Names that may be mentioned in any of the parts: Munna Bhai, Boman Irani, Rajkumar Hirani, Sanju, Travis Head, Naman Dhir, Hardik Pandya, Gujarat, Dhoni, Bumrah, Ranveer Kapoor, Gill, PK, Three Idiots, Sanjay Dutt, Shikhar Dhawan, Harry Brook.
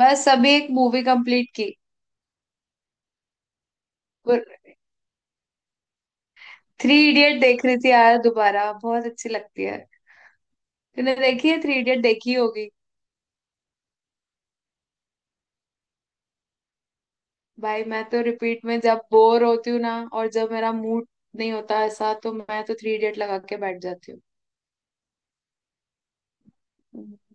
बस अभी एक मूवी कंप्लीट की। थ्री इडियट देख रही थी यार, दोबारा बहुत अच्छी लगती है। तूने देखी है थ्री इडियट, देखी होगी। भाई मैं तो रिपीट में जब बोर होती हूँ ना और जब मेरा मूड नहीं होता ऐसा तो मैं तो थ्री इडियट लगा के बैठ जाती हूँ।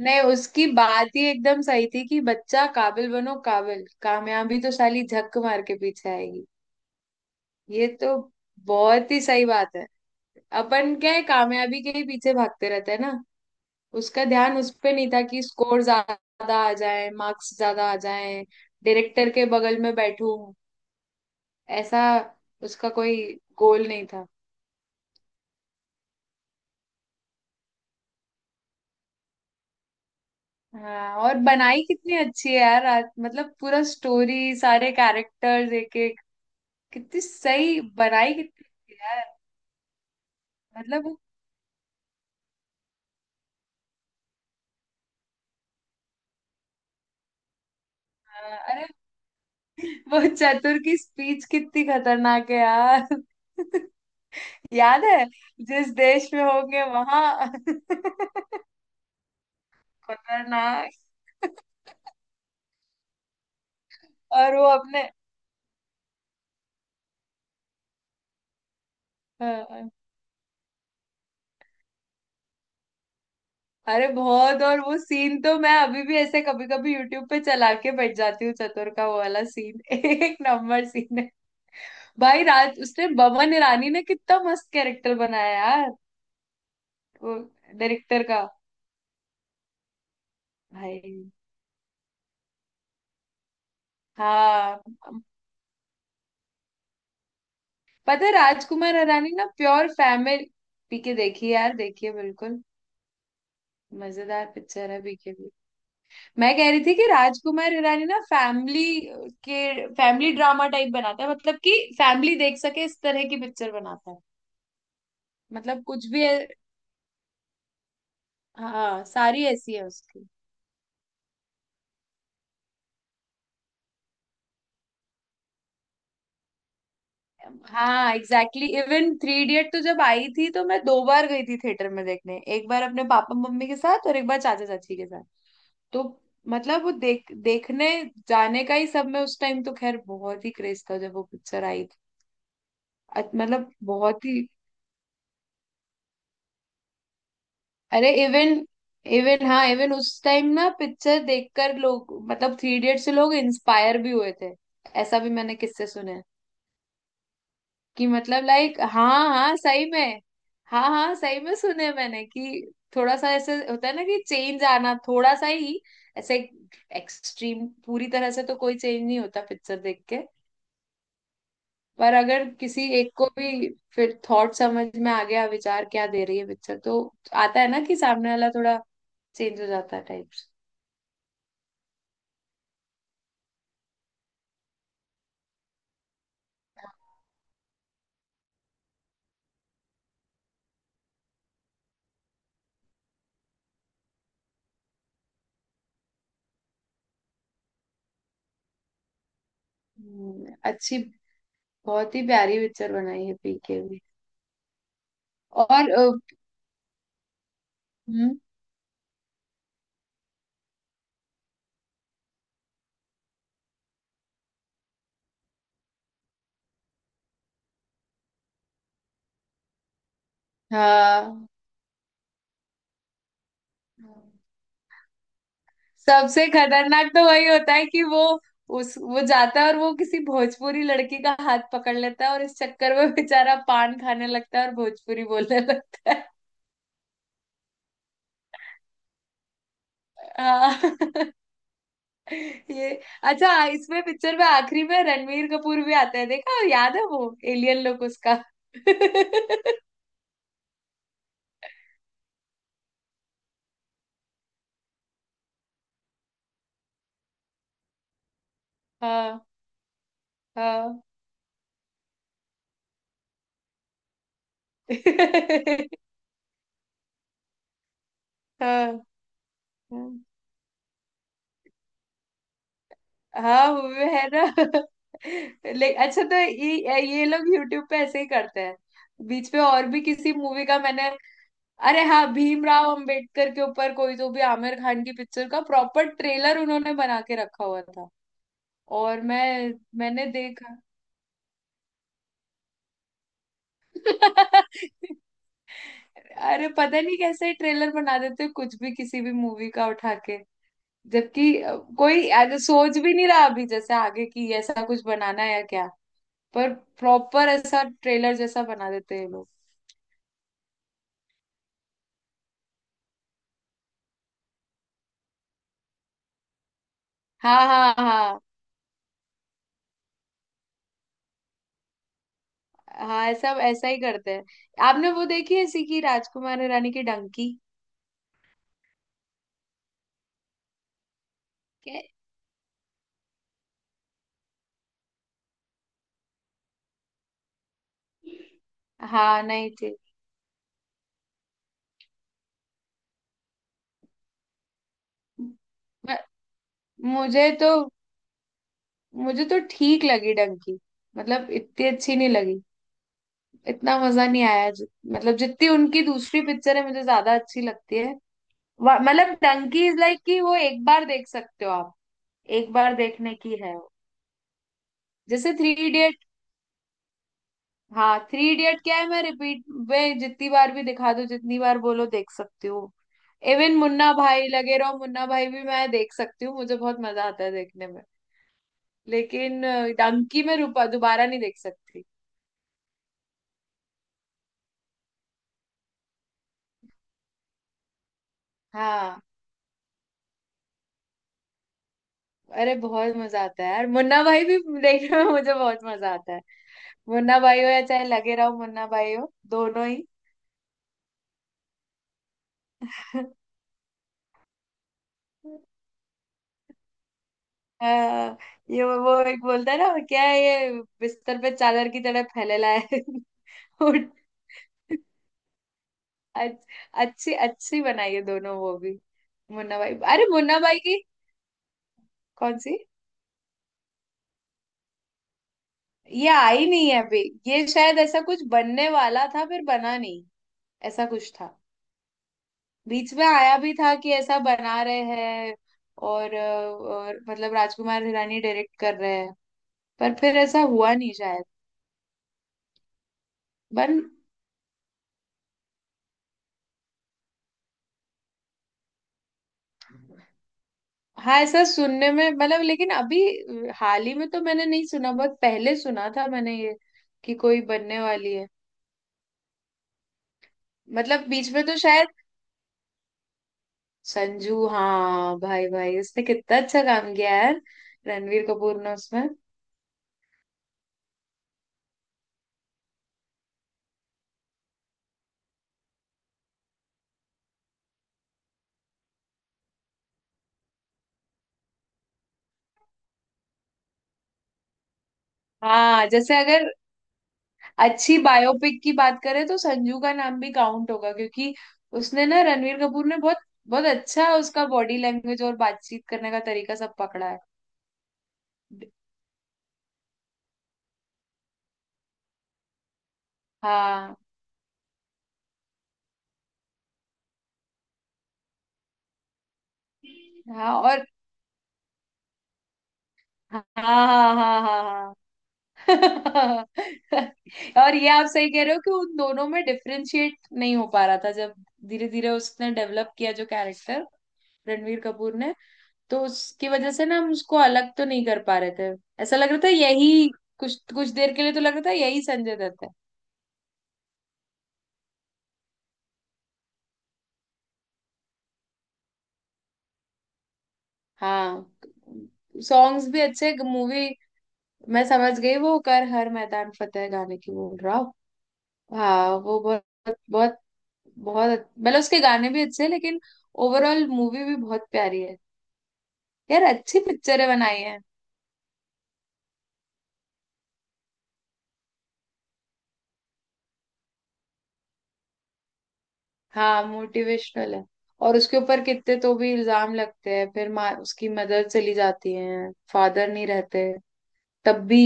नहीं उसकी बात ही एकदम सही थी कि बच्चा काबिल बनो, काबिल कामयाबी तो साली झक मार के पीछे आएगी। ये तो बहुत ही सही बात है। अपन क्या है, कामयाबी के ही पीछे भागते रहते हैं ना। उसका ध्यान उस पे नहीं था कि स्कोर ज्यादा आ जाए, मार्क्स ज्यादा आ जाए, डायरेक्टर के बगल में बैठूं, ऐसा। उसका कोई गोल नहीं था। हाँ, और बनाई कितनी अच्छी है यार। मतलब पूरा स्टोरी, सारे कैरेक्टर्स एक एक कितनी सही बनाई, कितनी अच्छी है यार। मतलब वो- हाँ, अरे, वो चतुर की स्पीच कितनी खतरनाक है यार। याद है, जिस देश में होंगे वहां। खतरनाक। और वो अपने। हाँ, अरे बहुत। और वो सीन तो मैं अभी भी ऐसे कभी कभी यूट्यूब पे चला के बैठ जाती हूँ, चतुर का वो वाला सीन एक नंबर सीन है। भाई, राज उसने, बमन ईरानी ने कितना मस्त कैरेक्टर बनाया यार। वो डायरेक्टर का। भाई हाँ, पता है राजकुमार हिरानी ना प्योर फैमिली। पीके देखिए यार, देखिए बिल्कुल मजेदार पिक्चर है पीके। मैं कह रही थी कि राजकुमार हिरानी ना फैमिली के फैमिली ड्रामा टाइप बनाता है, मतलब कि फैमिली देख सके इस तरह की पिक्चर बनाता है। मतलब कुछ भी है। हाँ, सारी ऐसी है उसकी। हाँ एग्जैक्टली, इवन थ्री इडियट तो जब आई थी तो मैं 2 बार गई थी थिएटर में देखने, एक बार अपने पापा मम्मी के साथ और एक बार चाचा चाची के साथ। तो मतलब वो देख देखने जाने का ही सब में उस टाइम तो खैर बहुत ही क्रेज था जब वो पिक्चर आई थी। मतलब बहुत ही। अरे इवन, हाँ, इवन उस टाइम ना पिक्चर देखकर लोग, मतलब थ्री इडियट से लोग इंस्पायर भी हुए थे। ऐसा भी मैंने किससे सुने हैं। कि मतलब लाइक हाँ हाँ, सही में। हाँ हाँ, सही में सुने हैं मैंने कि थोड़ा सा ऐसे होता है ना कि चेंज आना थोड़ा सा ही, ऐसे। एक्सट्रीम पूरी तरह से तो कोई चेंज नहीं होता पिक्चर देख के। पर अगर किसी एक को भी फिर थॉट समझ में आ गया, विचार क्या दे रही है पिक्चर, तो आता है ना कि सामने वाला थोड़ा चेंज हो जाता है टाइप्स। अच्छी। बहुत ही प्यारी पिक्चर बनाई है पीके भी। और हम्म, हाँ, सबसे खतरनाक तो वही होता है कि वो उस वो जाता है और वो किसी भोजपुरी लड़की का हाथ पकड़ लेता है और इस चक्कर में बेचारा पान खाने लगता है और भोजपुरी बोलने लगता है। हाँ। ये अच्छा, इसमें पिक्चर में आखिरी में रणवीर कपूर भी आता है, देखा, याद है वो एलियन लुक उसका। हाँ हाँ। हाँ हाँ। हाँ हुए है ना। ले अच्छा, तो ये लोग यूट्यूब पे ऐसे ही करते हैं। बीच पे और भी किसी मूवी का मैंने, अरे हाँ, भीमराव अंबेडकर के ऊपर कोई तो भी आमिर खान की पिक्चर का प्रॉपर ट्रेलर उन्होंने बना के रखा हुआ था। और मैंने देखा। अरे, पता नहीं कैसे ट्रेलर बना देते हैं, कुछ भी किसी भी मूवी का उठा के। जबकि कोई आगे सोच भी नहीं रहा अभी जैसे आगे की ऐसा कुछ बनाना है या क्या। पर प्रॉपर ऐसा ट्रेलर जैसा बना देते हैं ये लोग। हाँ हाँ हाँ। हाँ, ऐसा ऐसा ही करते हैं। आपने वो देखी है, सीखी राजकुमार हिरानी की डंकी के। हाँ नहीं थी। म- मुझे तो मुझे तो ठीक लगी डंकी। मतलब इतनी अच्छी नहीं लगी। इतना मजा नहीं आया, मतलब जितनी उनकी दूसरी पिक्चर है मुझे ज्यादा अच्छी लगती है। मतलब डंकी इज लाइक, कि वो एक बार देख सकते हो आप। एक बार देखने की है वो। जैसे थ्री हाँ, थ्री इडियट क्या है, मैं रिपीट में जितनी बार भी दिखा दूँ, जितनी बार बोलो देख सकती हूँ। इवन मुन्ना भाई, लगे रहो मुन्ना भाई भी मैं देख सकती हूँ, मुझे बहुत मजा आता है देखने में। लेकिन डंकी में रूपा दोबारा नहीं देख सकती। हाँ, अरे, बहुत मजा आता है यार मुन्ना भाई भी देखने में, मुझे बहुत मजा आता है। मुन्ना भाई हो या चाहे लगे रहो मुन्ना भाई हो, दोनों ही। आ, ये वो एक बोलता है ना, क्या है ये, बिस्तर पे चादर की तरह फैलेला है। उठ। अच्छ- अच्छी अच्छी बनाई है दोनों, वो भी। मुन्ना भाई, अरे मुन्ना भाई की कौन सी। ये आई नहीं है अभी। ये शायद ऐसा कुछ बनने वाला था, फिर बना नहीं। ऐसा कुछ था। बीच में आया भी था कि ऐसा बना रहे हैं। और, अ, और मतलब राजकुमार हिरानी डायरेक्ट कर रहे हैं। पर फिर ऐसा हुआ नहीं शायद। बन हाँ, ऐसा सुनने में, मतलब लेकिन अभी हाल ही में तो मैंने नहीं सुना, बहुत पहले सुना था मैंने ये कि कोई बनने वाली है। मतलब बीच में तो शायद। संजू, हाँ भाई भाई उसने कितना अच्छा काम किया है यार, रणवीर कपूर ने उसमें। हाँ, जैसे अगर अच्छी बायोपिक की बात करें तो संजू का नाम भी काउंट होगा, क्योंकि उसने ना रणवीर कपूर ने बहुत बहुत अच्छा उसका बॉडी लैंग्वेज और बातचीत करने का तरीका सब पकड़ा है। हाँ हाँ। और हाँ हाँ हाँ। हाँ हाँ। और ये आप सही कह रहे हो कि उन दोनों में डिफरेंशिएट नहीं हो पा रहा था, जब धीरे धीरे उसने डेवलप किया जो कैरेक्टर, रणवीर कपूर ने, तो उसकी वजह से ना हम उसको अलग तो नहीं कर पा रहे थे, ऐसा लग रहा था यही, कुछ कुछ देर के लिए तो लग रहा था यही संजय दत्त है। हाँ, सॉन्ग्स भी अच्छे मूवी। मैं समझ गई, वो कर हर मैदान फतेह गाने की बोल रहा हूँ। हाँ, वो बहुत बहुत बहुत, मतलब उसके गाने भी अच्छे हैं लेकिन ओवरऑल मूवी भी बहुत प्यारी है। यार अच्छी पिक्चरें बनाई है। हाँ मोटिवेशनल है। और उसके ऊपर कितने तो भी इल्जाम लगते हैं, फिर माँ, उसकी मदर चली जाती है, फादर नहीं रहते। तब भी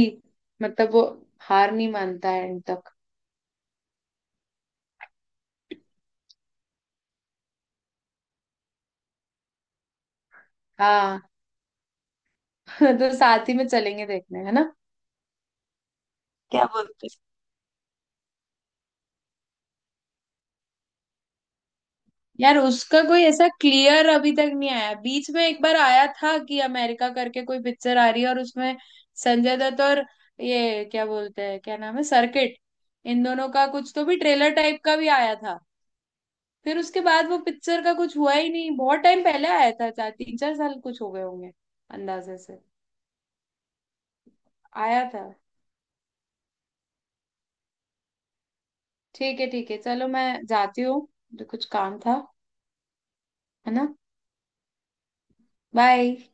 मतलब वो हार नहीं मानता है एंड तक। हाँ, तो साथ ही में चलेंगे देखने, है ना। क्या बोलते हो? यार, उसका कोई ऐसा क्लियर अभी तक नहीं आया, बीच में एक बार आया था कि अमेरिका करके कोई पिक्चर आ रही है और उसमें संजय दत्त और ये क्या बोलते हैं, क्या नाम है, सर्किट, इन दोनों का कुछ तो भी ट्रेलर टाइप का भी आया था। फिर उसके बाद वो पिक्चर का कुछ हुआ ही नहीं, बहुत टाइम पहले आया था, 4 3 4 साल कुछ हो गए होंगे अंदाजे से आया था। ठीक है ठीक है, चलो मैं जाती हूँ, मुझे कुछ काम था, है ना। बाय।